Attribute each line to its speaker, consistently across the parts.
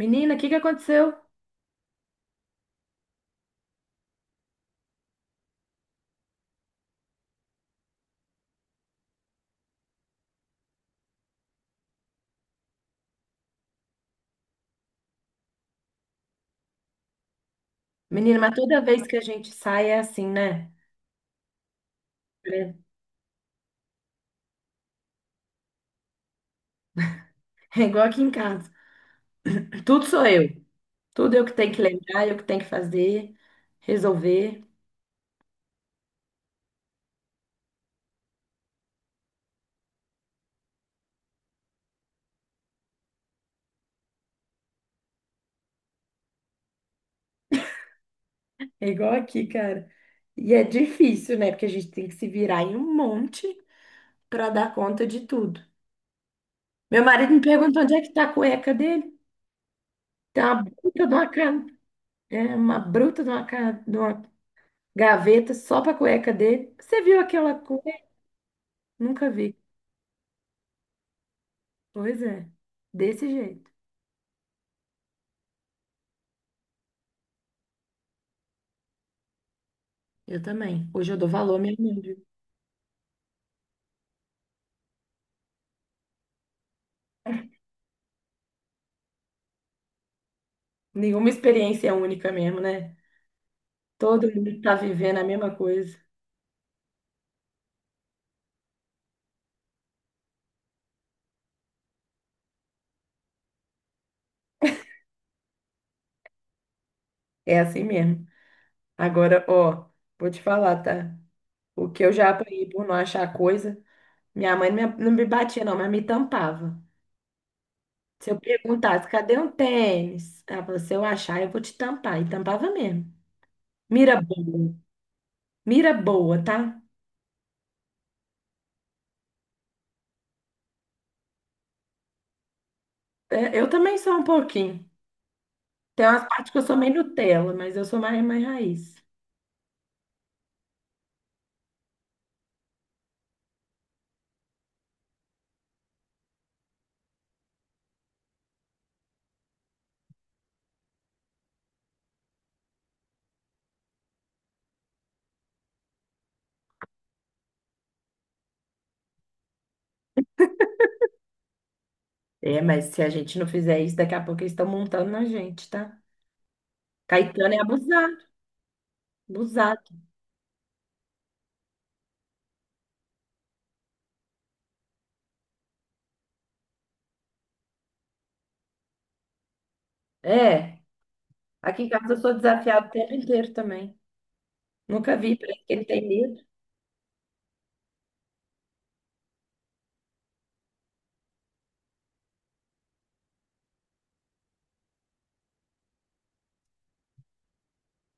Speaker 1: Menina, o que que aconteceu? Menina, mas toda vez que a gente sai é assim, né? É é igual aqui em casa. Tudo sou eu. Tudo eu que tenho que lembrar, eu que tenho que fazer, resolver. É igual aqui, cara. E é difícil, né? Porque a gente tem que se virar em um monte para dar conta de tudo. Meu marido me perguntou onde é que tá a cueca dele. Tem uma bruta de uma, é, uma bruta de uma, de uma gaveta só pra cueca dele. Você viu aquela cueca? Nunca vi. Pois é, desse jeito. Eu também. Hoje eu dou valor à minha mãe, viu? Nenhuma experiência é única mesmo, né? Todo mundo tá vivendo a mesma coisa. É assim mesmo. Agora, ó, vou te falar, tá? O que eu já apanhei por não achar coisa, minha mãe não me batia, não, mas me tampava. Se eu perguntasse, cadê um tênis? Ela falou, se eu achar, eu vou te tampar. E tampava mesmo. Mira boa. Mira boa, tá? É, eu também sou um pouquinho. Tem umas partes que eu sou meio Nutella, mas eu sou mais raiz. É, mas se a gente não fizer isso, daqui a pouco eles estão montando na gente, tá? Caetano é abusado, abusado. É, aqui em casa eu sou desafiado o tempo inteiro também. Nunca vi, parece que ele tem medo.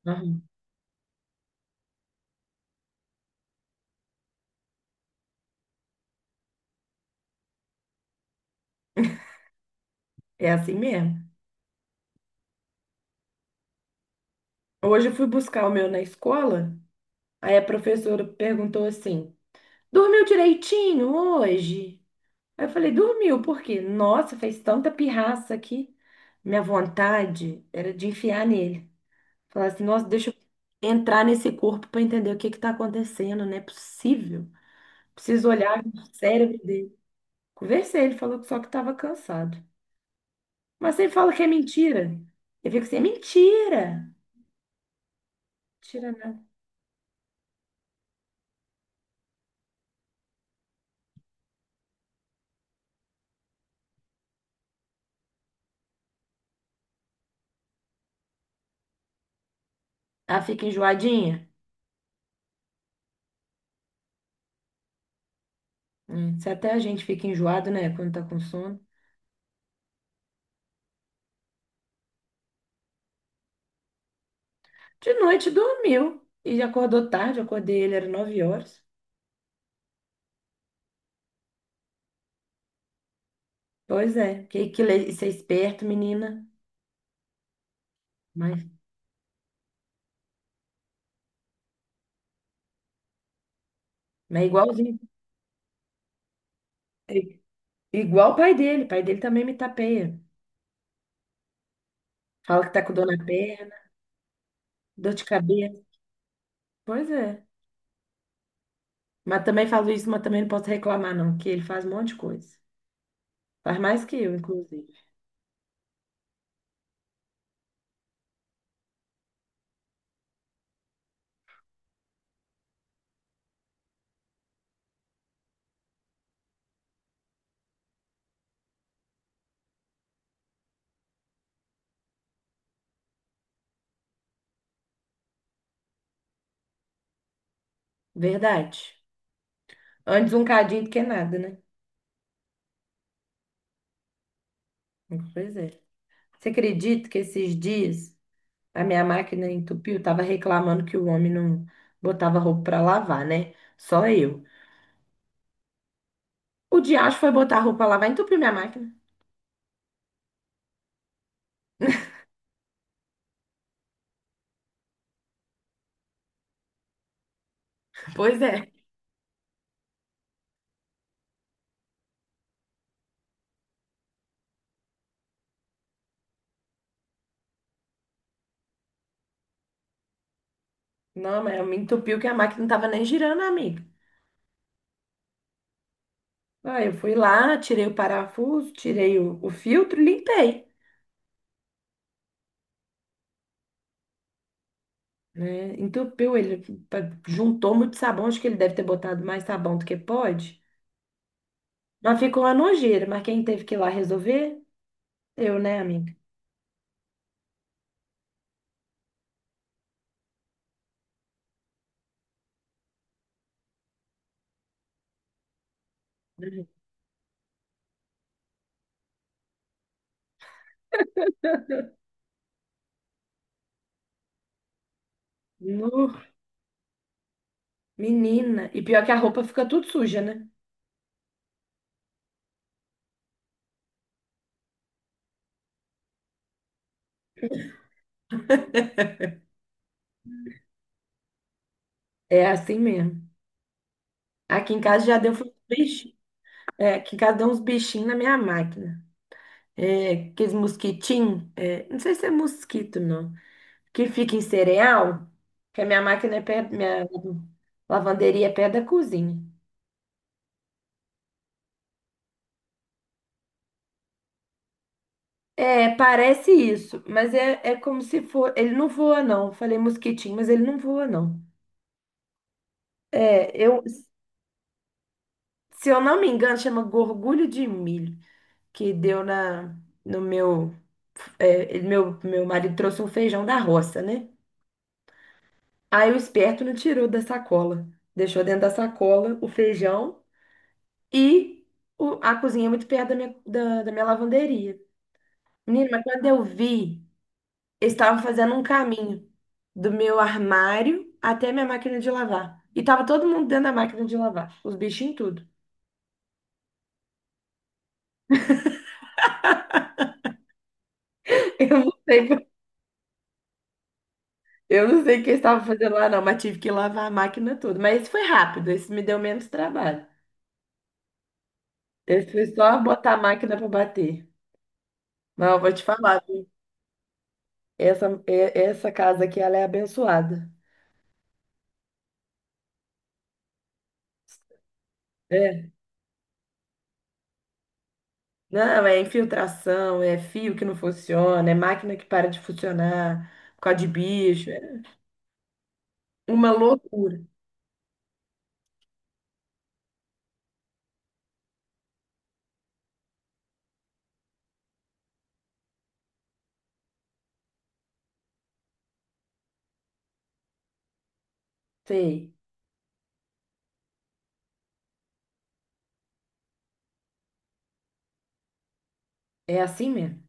Speaker 1: Uhum. É assim mesmo. Hoje eu fui buscar o meu na escola, aí a professora perguntou assim: dormiu direitinho hoje? Aí eu falei: dormiu, por quê? Nossa, fez tanta pirraça aqui. Minha vontade era de enfiar nele. Falar assim, nossa, deixa eu entrar nesse corpo para entender o que que tá acontecendo, não é possível. Preciso olhar no cérebro dele. Conversei, ele falou que só que estava cansado. Mas você fala que é mentira. Eu fico assim, é mentira. Mentira, não. Ah, fica enjoadinha? Se até a gente fica enjoado, né, quando tá com sono. De noite dormiu e já acordou tarde, eu acordei ele, era 9 horas. Pois é, que, isso é esperto, menina. Mas, mas é igualzinho. É igual o pai dele também me tapeia. Fala que tá com dor na perna, dor de cabeça. Pois é. Mas também falo isso, mas também não posso reclamar, não, que ele faz um monte de coisa. Faz mais que eu, inclusive. Verdade. Antes um cadinho do que nada, né? Pois é. Você acredita que esses dias a minha máquina entupiu? Tava reclamando que o homem não botava roupa pra lavar, né? Só eu. O diacho foi botar a roupa pra lavar e entupiu minha máquina. Pois é. Não, mas me entupiu que a máquina não tava nem girando, amiga. Ah, eu fui lá, tirei o parafuso, tirei o filtro e limpei, né? Entupiu ele, pa- juntou muito sabão, acho que ele deve ter botado mais sabão do que pode. Mas ficou uma nojeira, mas quem teve que ir lá resolver? Eu, né, amiga? Uhum. Nu, menina. E pior que a roupa fica tudo suja, né? É assim mesmo. Aqui em casa já deu uns bichinhos. É, aqui em casa deu uns bichinhos na minha máquina. É, aqueles mosquitinhos. É, não sei se é mosquito, não. Que fica em cereal, que a minha máquina é perto, minha lavanderia é perto da cozinha. É, parece isso, mas é como se for. Ele não voa, não. Falei mosquitinho, mas ele não voa, não. É, eu, Se eu não me engano, chama gorgulho de milho, que deu no meu, meu marido trouxe um feijão da roça, né? Aí o esperto não tirou da sacola, deixou dentro da sacola o feijão e a cozinha é muito perto da minha, da minha lavanderia. Menina, mas quando eu vi, eles estavam fazendo um caminho do meu armário até minha máquina de lavar. E tava todo mundo dentro da máquina de lavar, os bichinhos tudo. Eu não sei, por- eu não sei o que eles estavam fazendo lá, não, mas tive que lavar a máquina toda. Mas isso foi rápido, isso me deu menos trabalho. Esse foi só botar a máquina para bater. Mas eu vou te falar, viu? Essa casa aqui, ela é abençoada. É. Não, é infiltração, é fio que não funciona, é máquina que para de funcionar por causa de bicho. Uma loucura. Sei. É assim mesmo.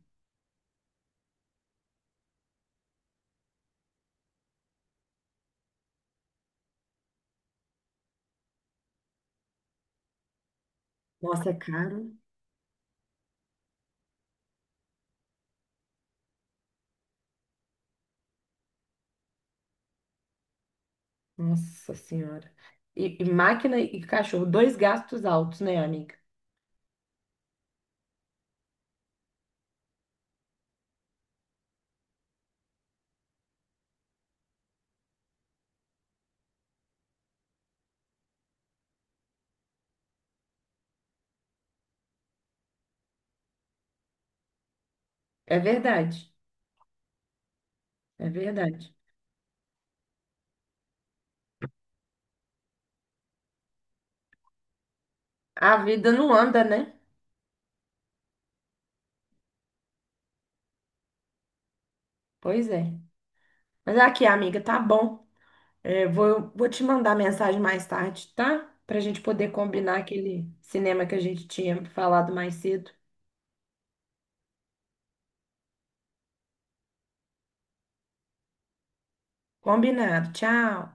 Speaker 1: Nossa, é caro. Nossa Senhora. E máquina e cachorro, dois gastos altos, né, amiga? É verdade. É verdade. A vida não anda, né? Pois é. Mas aqui, amiga, tá bom. É, vou te mandar mensagem mais tarde, tá? Pra gente poder combinar aquele cinema que a gente tinha falado mais cedo. Combinado. Tchau.